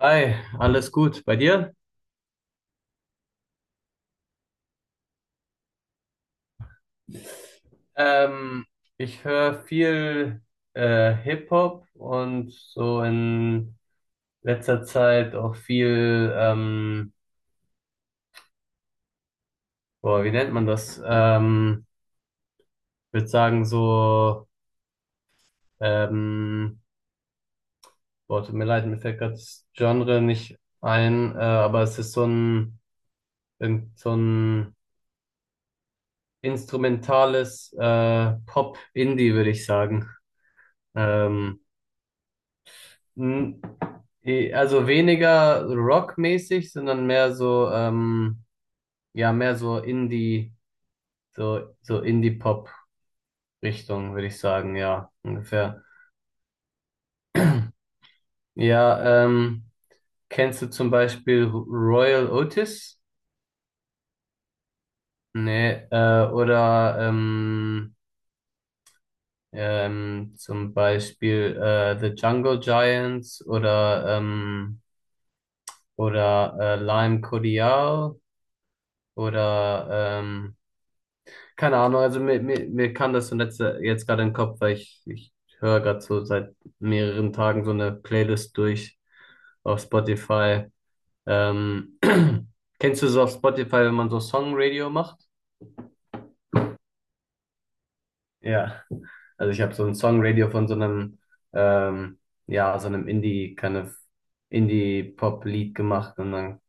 Hi, alles gut bei dir? Ähm, Ich höre viel Hip-Hop und so in letzter Zeit auch viel, boah, wie nennt man das? Ich würde sagen so, ähm, boah, tut mir leid, mir fällt gerade das Genre nicht ein, aber es ist so ein, irgend so ein instrumentales Pop-Indie, würde ich sagen. Ähm, N- Also weniger rockmäßig, sondern mehr so, ja, mehr so Indie, so Indie-Pop-Richtung, würde ich sagen, ja, ungefähr. Ja, kennst du zum Beispiel Royal Otis? Nee, oder zum Beispiel The Jungle Giants oder Lime Cordial oder keine Ahnung, also mir kam das so letzte, jetzt gerade in den Kopf, weil ich höre gerade so seit mehreren Tagen so eine Playlist durch auf Spotify. Ähm, Kennst du so auf Spotify, wenn man so Songradio macht? Ja. Also ich habe so ein Songradio von so einem, ähm, ja, so einem Indie, kind of Indie-Pop-Lied gemacht und dann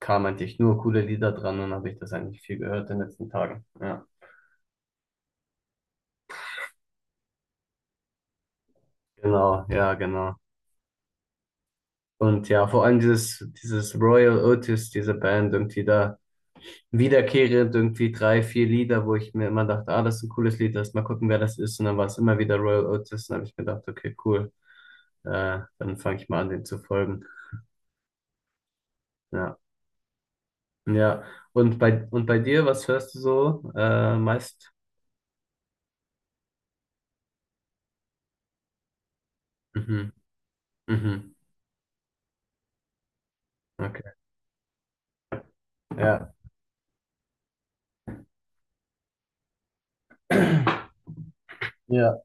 kamen eigentlich nur coole Lieder dran und habe ich das eigentlich viel gehört in den letzten Tagen. Ja. Genau, ja, genau. Und ja, vor allem dieses Royal Otis, diese Band, irgendwie da wiederkehrend irgendwie drei, vier Lieder, wo ich mir immer dachte, ah, das ist ein cooles Lied, lass mal gucken, wer das ist. Und dann war es immer wieder Royal Otis. Und dann habe ich mir gedacht, okay, cool, dann fange ich mal an, den zu folgen. Ja, ja. Und bei dir, was hörst du so meist? Mhm. Mhm. Okay. Ja. Ja.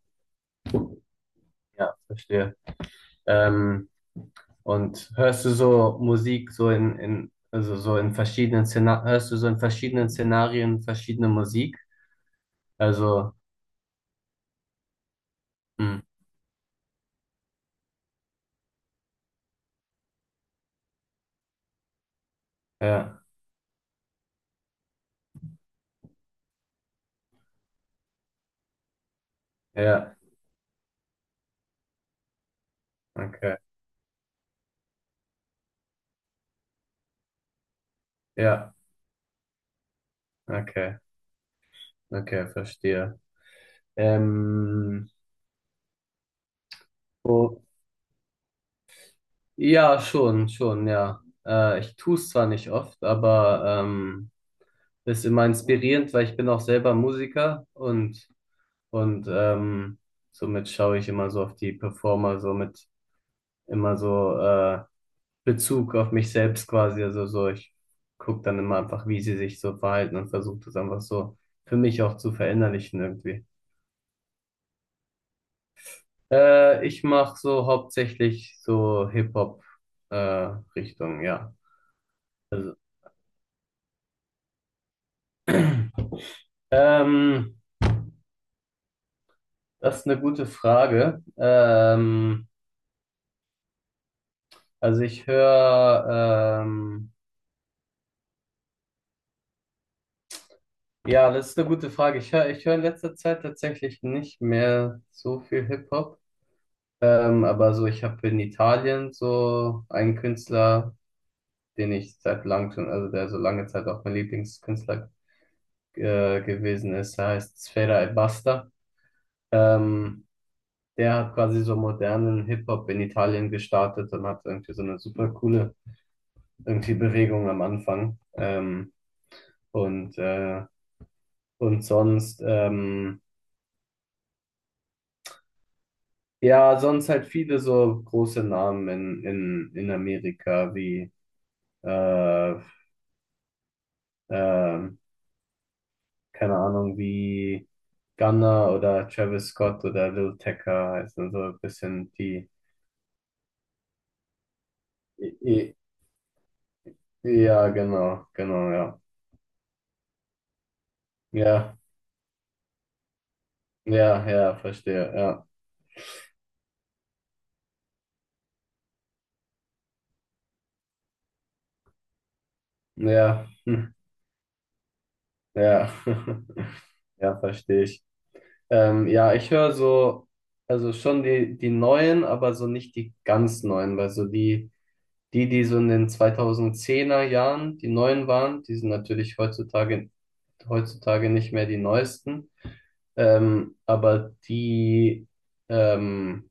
Ja, verstehe. Ähm, Und hörst du so Musik so in also so in verschiedenen Szenarien, hörst du so in verschiedenen Szenarien verschiedene Musik? Also, hm, ja, ja, okay, ja, okay, okay, verstehe. Ähm, wo, ja, schon, schon, ja. Ich tue es zwar nicht oft, aber ist immer inspirierend, weil ich bin auch selber Musiker und somit schaue ich immer so auf die Performer, somit immer so Bezug auf mich selbst quasi. Also so, ich gucke dann immer einfach, wie sie sich so verhalten und versuche das einfach so für mich auch zu verinnerlichen irgendwie. Ich mache so hauptsächlich so Hip-Hop-Richtung, ja. Also, ähm, das ist eine gute Frage. Also ich höre, ja, das ist eine gute Frage. Ich höre in letzter Zeit tatsächlich nicht mehr so viel Hip-Hop. Aber so, ich habe in Italien so einen Künstler, den ich seit langem schon, also der so lange Zeit auch mein Lieblingskünstler gewesen ist. Er heißt Sfera Ebbasta. Ähm, Der hat quasi so modernen Hip-Hop in Italien gestartet und hat irgendwie so eine super coole irgendwie Bewegung am Anfang. Und, äh, und sonst, ja, sonst halt viele so große Namen in Amerika wie äh, ähm, keine Ahnung, wie Gunna oder Travis Scott oder Lil Tecca heißen, so ein bisschen die. I- I- Ja, genau, genau, ja. Ja, ja, ja, verstehe, ja. Ja, hm, ja, ja, verstehe ich. Ja, ich höre so, also schon die, die neuen, aber so nicht die ganz neuen, weil so die, die so in den 2010er Jahren die neuen waren, die sind natürlich heutzutage, heutzutage nicht mehr die neuesten. ähm, aber die ähm,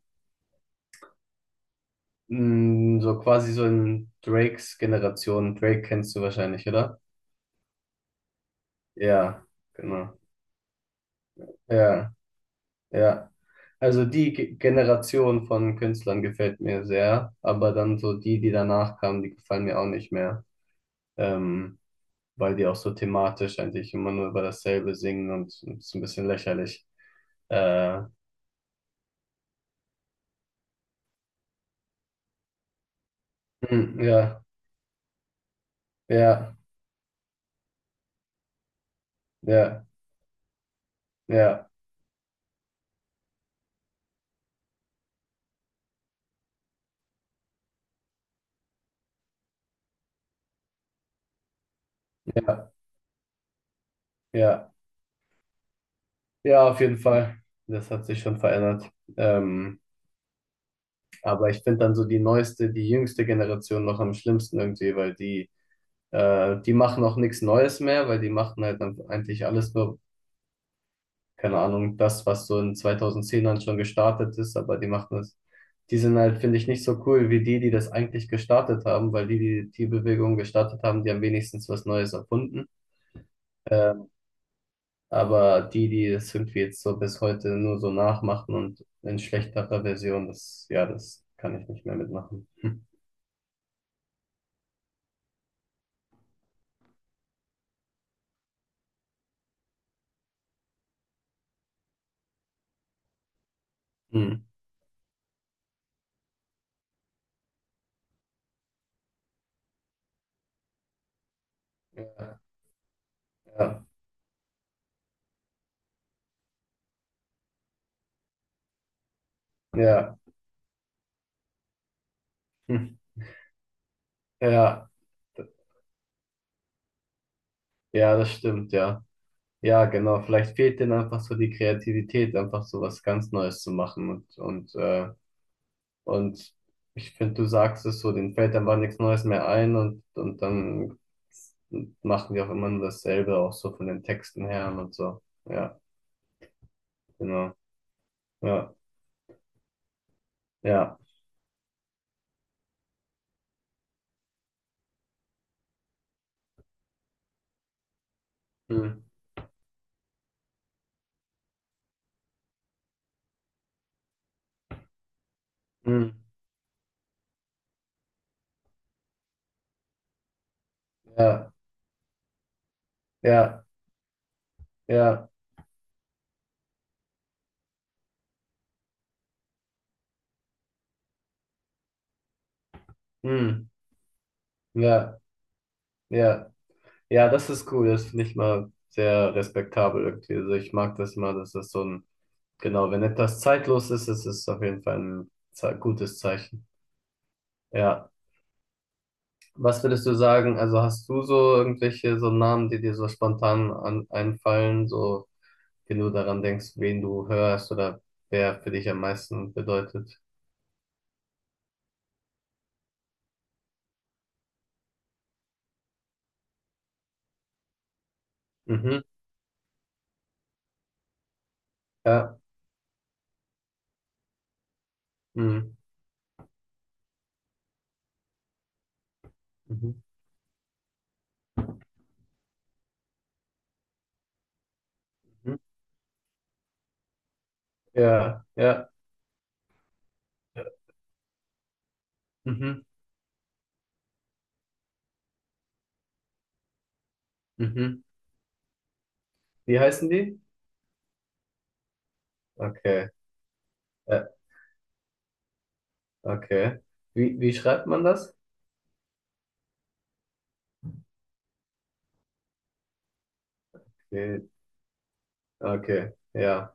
so quasi so in Drakes Generation, Drake kennst du wahrscheinlich, oder? Ja, genau. Ja, ja. Also die Generation von Künstlern gefällt mir sehr, aber dann so die, die danach kamen, die gefallen mir auch nicht mehr, ähm, weil die auch so thematisch eigentlich immer nur über dasselbe singen und es ist ein bisschen lächerlich. Äh, ja, ja, ja, ja, ja, ja. Ja, auf jeden Fall. Das hat sich schon verändert. Ähm, aber ich finde dann so die neueste, die jüngste Generation noch am schlimmsten irgendwie, weil die, die machen auch nichts Neues mehr, weil die machen halt dann eigentlich alles nur, keine Ahnung, das, was so in 2010ern schon gestartet ist, aber die machen das, die sind halt, finde ich, nicht so cool wie die, die das eigentlich gestartet haben, weil die, die die Bewegung gestartet haben, die haben wenigstens was Neues erfunden. Äh, Aber die, die das irgendwie jetzt so bis heute nur so nachmachen und in schlechterer Version, das, ja, das kann ich nicht mehr mitmachen. Hm. Hm. Ja, ja, ja. Hm. Ja, D- ja, das stimmt, ja. Ja, genau. Vielleicht fehlt denen einfach so die Kreativität, einfach so was ganz Neues zu machen. Und ich finde, du sagst es so, denen fällt einfach nichts Neues mehr ein und dann machen die auch immer nur dasselbe, auch so von den Texten her und so. Ja, genau. Ja. Ja. Hm. Hm. Ja. Ja. Ja. Hm. Ja. Ja. Ja, das ist cool. Das finde ich mal sehr respektabel irgendwie. Also ich mag das mal, dass das so ein, genau, wenn etwas zeitlos ist, ist es auf jeden Fall ein ze gutes Zeichen. Ja. Was würdest du sagen? Also hast du so irgendwelche so Namen, die dir so spontan einfallen, so wenn du daran denkst, wen du hörst oder wer für dich am meisten bedeutet? Mhm. Ja. Mhm. Mhm. Mhm. Ja, ja. Mhm, mhm. Wie heißen die? Okay, äh, okay. Wie, wie schreibt man das? Okay, okay, ja.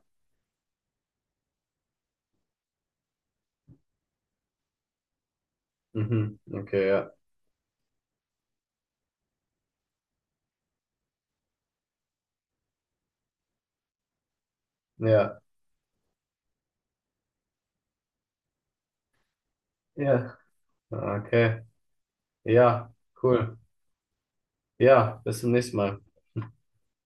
Mhm, okay, ja. Ja, ja. Okay, ja, cool. Ja, bis zum nächsten Mal.